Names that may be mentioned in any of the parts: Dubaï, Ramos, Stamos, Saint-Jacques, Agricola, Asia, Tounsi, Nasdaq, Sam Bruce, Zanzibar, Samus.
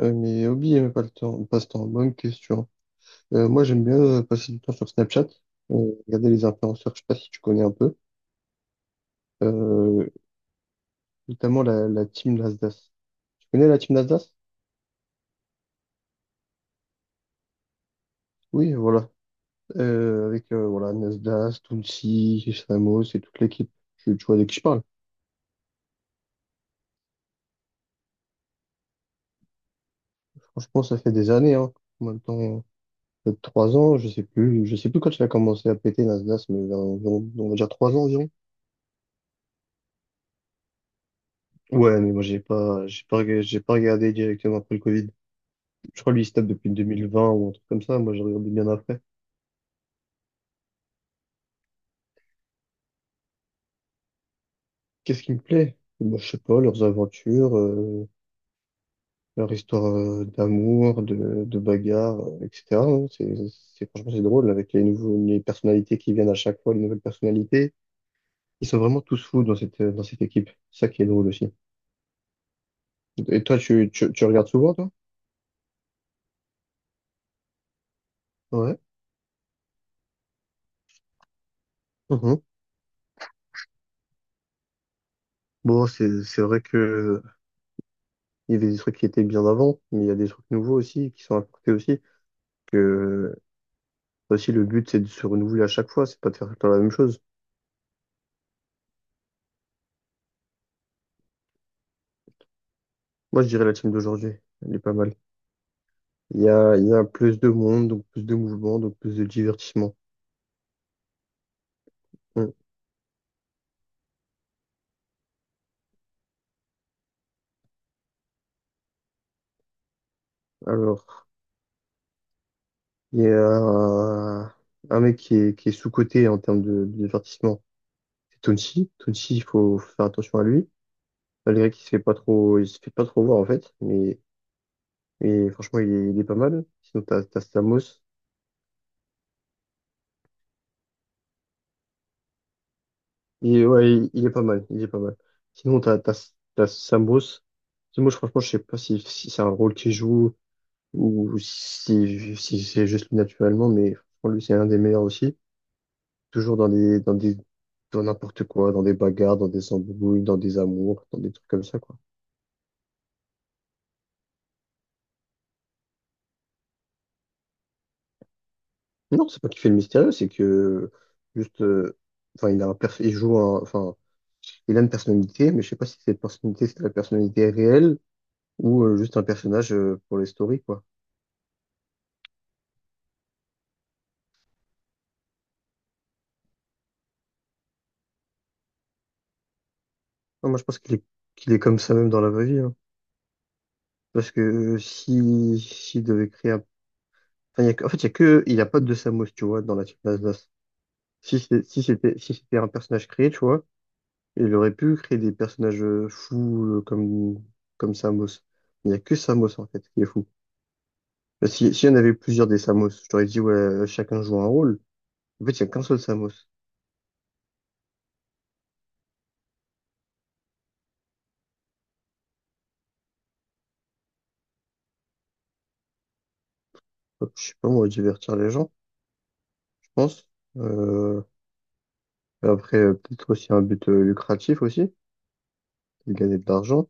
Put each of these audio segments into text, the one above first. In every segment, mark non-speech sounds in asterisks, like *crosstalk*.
Mais hobby, pas le temps, passe-temps, bonne question. Moi, j'aime bien passer du temps sur Snapchat, regarder les influenceurs, je sais pas si tu connais un peu, euh, notamment la team Nasdaq. Tu connais la team Nasdaq? Oui, voilà. Avec voilà, Nasdaq, Tounsi, Ramos et toute l'équipe. Tu vois de qui je parle. Franchement, ça fait des années, hein. Maintenant, peut-être 3 ans, je sais plus quand il a commencé à péter Nasdaq, mais on va dire 3 ans environ. Ouais, mais moi, j'ai pas regardé directement après le Covid. Je crois lui, il se tape depuis 2020 ou un truc comme ça. Moi, j'ai regardé bien après. Qu'est-ce qui me plaît? Moi, je sais pas, leurs aventures, leur histoire d'amour, de bagarre, etc. hein. Franchement, c'est drôle avec les nouveaux, les personnalités qui viennent à chaque fois, les nouvelles personnalités. Ils sont vraiment tous fous dans dans cette équipe. C'est ça qui est drôle aussi. Et toi, tu regardes souvent, toi? Ouais. Mhm. Bon, c'est vrai que il y avait des trucs qui étaient bien avant, mais il y a des trucs nouveaux aussi, qui sont apportés aussi que toi aussi, le but, c'est de se renouveler à chaque fois, c'est pas de faire tout le temps la même chose. Moi, je dirais la team d'aujourd'hui, elle est pas mal. Il y a plus de monde, donc plus de mouvement, donc plus de divertissement. Hmm. Alors, il y a un mec qui est sous-coté en termes de divertissement, c'est Tonsi. Tonsi, il faut faire attention à lui, malgré qu'il se fait pas trop, il se fait pas trop voir en fait, mais franchement, il est pas mal. Sinon, t'as Stamos. Il est, ouais, il est pas mal, il est pas mal. Sinon, t'as Sam Bruce. Parce que franchement, je sais pas si c'est un rôle qu'il joue ou si c'est juste naturellement, mais franchement, lui, c'est un des meilleurs aussi. Toujours dans n'importe quoi, dans des bagarres, dans des embrouilles, dans des amours, dans des trucs comme ça, quoi. Non, c'est pas qu'il fait le mystérieux, c'est que juste, enfin, il joue un, enfin, il a une personnalité, mais je sais pas si cette personnalité, c'est la personnalité réelle ou juste un personnage pour les stories, quoi. Non, moi, je pense qu'il est comme ça même dans la vraie vie, hein. Parce que si, s'il devait créer un... enfin, il y a que- en fait, il y a que... Il n'y a pas de deux Samus, tu vois, dans la team d'Asdas. Si c'était si c'était un personnage créé, tu vois, il aurait pu créer des personnages fous comme, comme Samus. Il n'y a que Samus, en fait, qui est fou. Parce que Si, s'il y en avait plusieurs des Samus, je t'aurais dit, ouais, chacun joue un rôle. En fait, il n'y a qu'un seul Samus. Hop, je sais pas, moi, divertir les gens, je pense. Euh, Après, peut-être aussi un but lucratif aussi, de gagner de l'argent.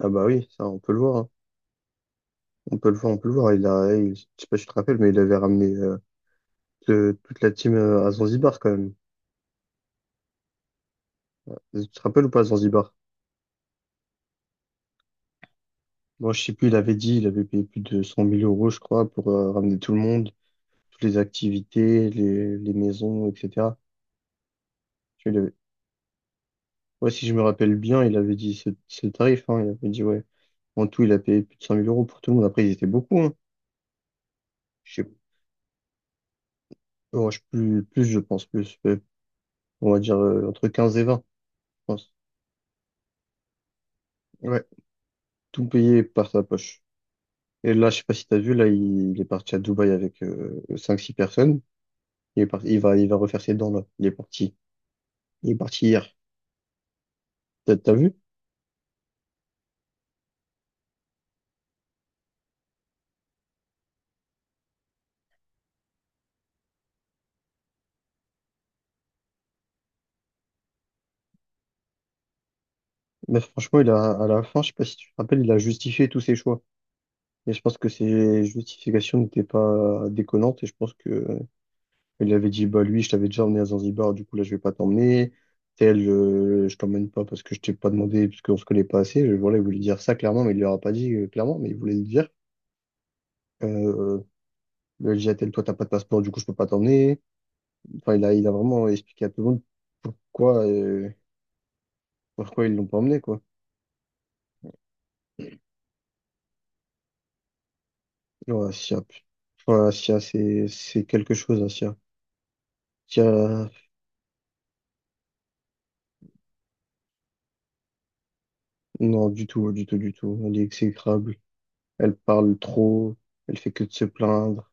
Ah bah oui, ça on peut le voir, hein. On peut le voir, on peut le voir. Je sais pas si tu te rappelles, mais il avait ramené toute la team à Zanzibar quand même. Tu te rappelles ou pas à Zanzibar? Moi je sais plus, il avait dit, il avait payé plus de 100 000 € je crois pour ramener tout le monde, toutes les activités, les maisons, etc. Tu vois, il avait- Ouais, si je me rappelle bien, il avait dit ce tarif, hein. Il avait dit ouais. En tout, il a payé plus de 100 000 € pour tout le monde. Après, ils étaient beaucoup, hein. Je sais, oh, je- plus, plus je pense, plus, on va dire entre 15 et 20, je pense. Ouais, tout payé par sa poche. Et là, je sais pas si t'as vu, là, il est parti à Dubaï avec 5-6 personnes. Il est parti, il va refaire ses dents, là. Il est parti. Il est parti hier. T'as vu? Mais franchement, à la fin, je sais pas si tu te rappelles, il a justifié tous ses choix. Et je pense que ses justifications n'étaient pas déconnantes. Et je pense que il avait dit, bah, lui, je t'avais déjà emmené à Zanzibar, du coup, là, je vais pas t'emmener. Tel, je t'emmène pas parce que je t'ai pas demandé, parce qu'on se connaît pas assez. Je, voilà, il voulait dire ça clairement, mais il lui aura pas dit clairement, mais il voulait le dire. Euh, Il a dit à toi, t'as pas de passeport, du coup, je peux pas t'emmener. Enfin, il a vraiment expliqué à tout le monde pourquoi, pourquoi ils l'ont pas emmené, quoi. Non, Asia, pu- enfin, Asia, c'est quelque chose, Asia. Asia, non, du tout, du tout, du tout. Elle est exécrable. Elle parle trop. Elle fait que de se plaindre.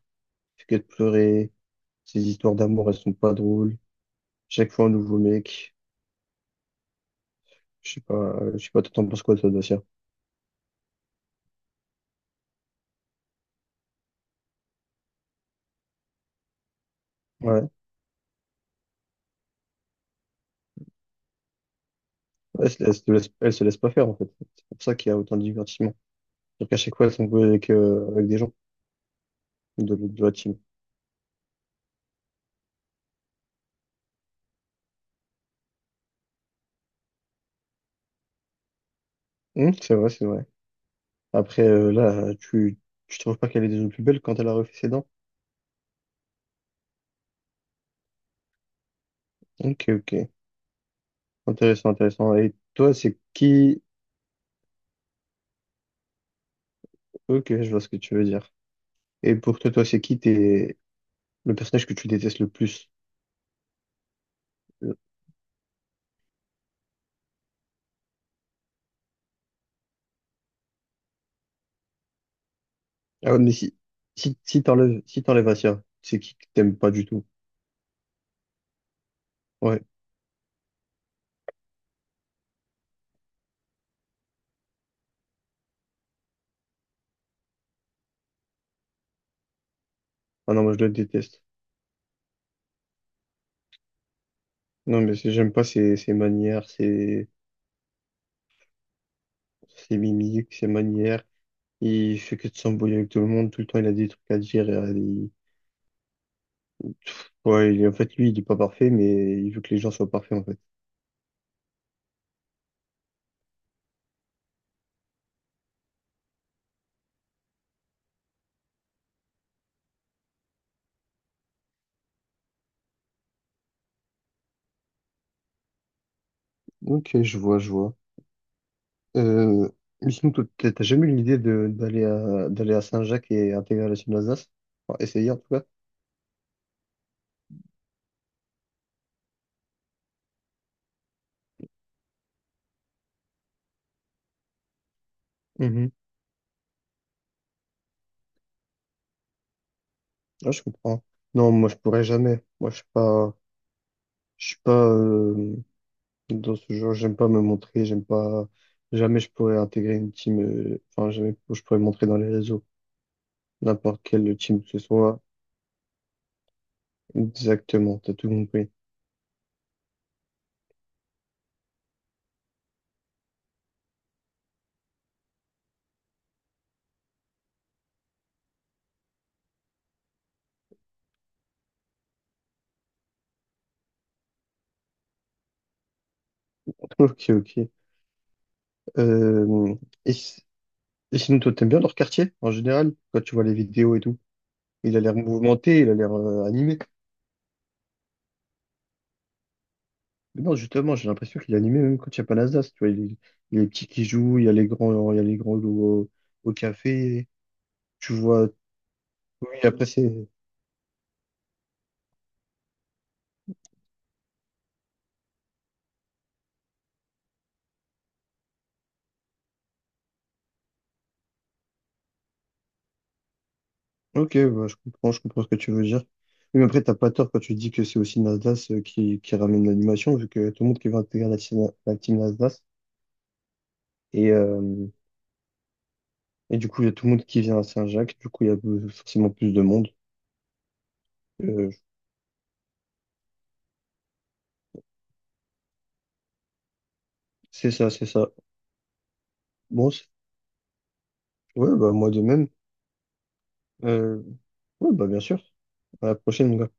Elle fait que de pleurer. Ses histoires d'amour, elles sont pas drôles. Chaque fois, un nouveau mec. Je sais pas, toi, t'en penses quoi, toi, d'Asia? Ouais. Elle se laisse pas faire, en fait. C'est pour ça qu'il y a autant de divertissement. Donc à chaque fois, elles sont jouées avec, avec des gens de la team. C'est vrai, c'est vrai. Après, là, tu trouves pas qu'elle est déjà plus belle quand elle a refait ses dents? Ok, ok. Intéressant, intéressant. Et toi, c'est qui? Ok, je vois ce que tu veux dire. Et pour toi, toi, c'est qui t'es le personnage que tu détestes le plus? Euh, Ah, ouais, mais si, si t'enlèves, si t'enlèves Asia, c'est qui que t'aimes pas du tout? Ouais. Ah non, moi, je le déteste. Non, mais j'aime pas ses manières, ses mimiques, ses manières. Il fait que de s'embrouiller avec tout le monde, tout le temps il a des trucs à dire, et, ouais, en fait, lui, il est pas parfait, mais il veut que les gens soient parfaits, en fait. Ok, je vois, je vois. Euh, mais sinon, toi, t'as jamais eu l'idée de d'aller à Saint-Jacques et intégrer la team d'Alsace? Enfin, essayer en tout cas. Mhm. Ouais, je comprends. Non, moi je pourrais jamais. Moi je suis pas dans ce genre, j'aime pas me montrer, j'aime pas jamais je pourrais intégrer une team enfin jamais je pourrais me montrer dans les réseaux, n'importe quelle team que ce soit. Exactement, t'as tout compris. *laughs* Ok, ok. Euh, et, si- et sinon, toi, t'aimes bien leur quartier, en général, quand tu vois les vidéos et tout. Il a l'air mouvementé, il a l'air animé. Mais non, justement, j'ai l'impression qu'il est animé même quand il n'y a pas Nasdaq. Tu vois, il y a les petits qui jouent, il y a les grands, il y a les grands au, au café. Tu vois, oui, après, c'est... Ok, bah, je comprends ce que tu veux dire. Oui, mais après, t'as pas tort quand tu dis que c'est aussi Nasdaq qui ramène l'animation, vu que tout le monde qui veut intégrer la team Nasdaq. Et... euh, Et du coup, il y a tout le monde qui vient à Saint-Jacques. Du coup, il y a plus- forcément plus de monde. Euh, c'est ça, c'est ça. Bon, c'est- ouais, bah, moi de même. Euh, ouais, bah, bien sûr. À la prochaine, mon gars.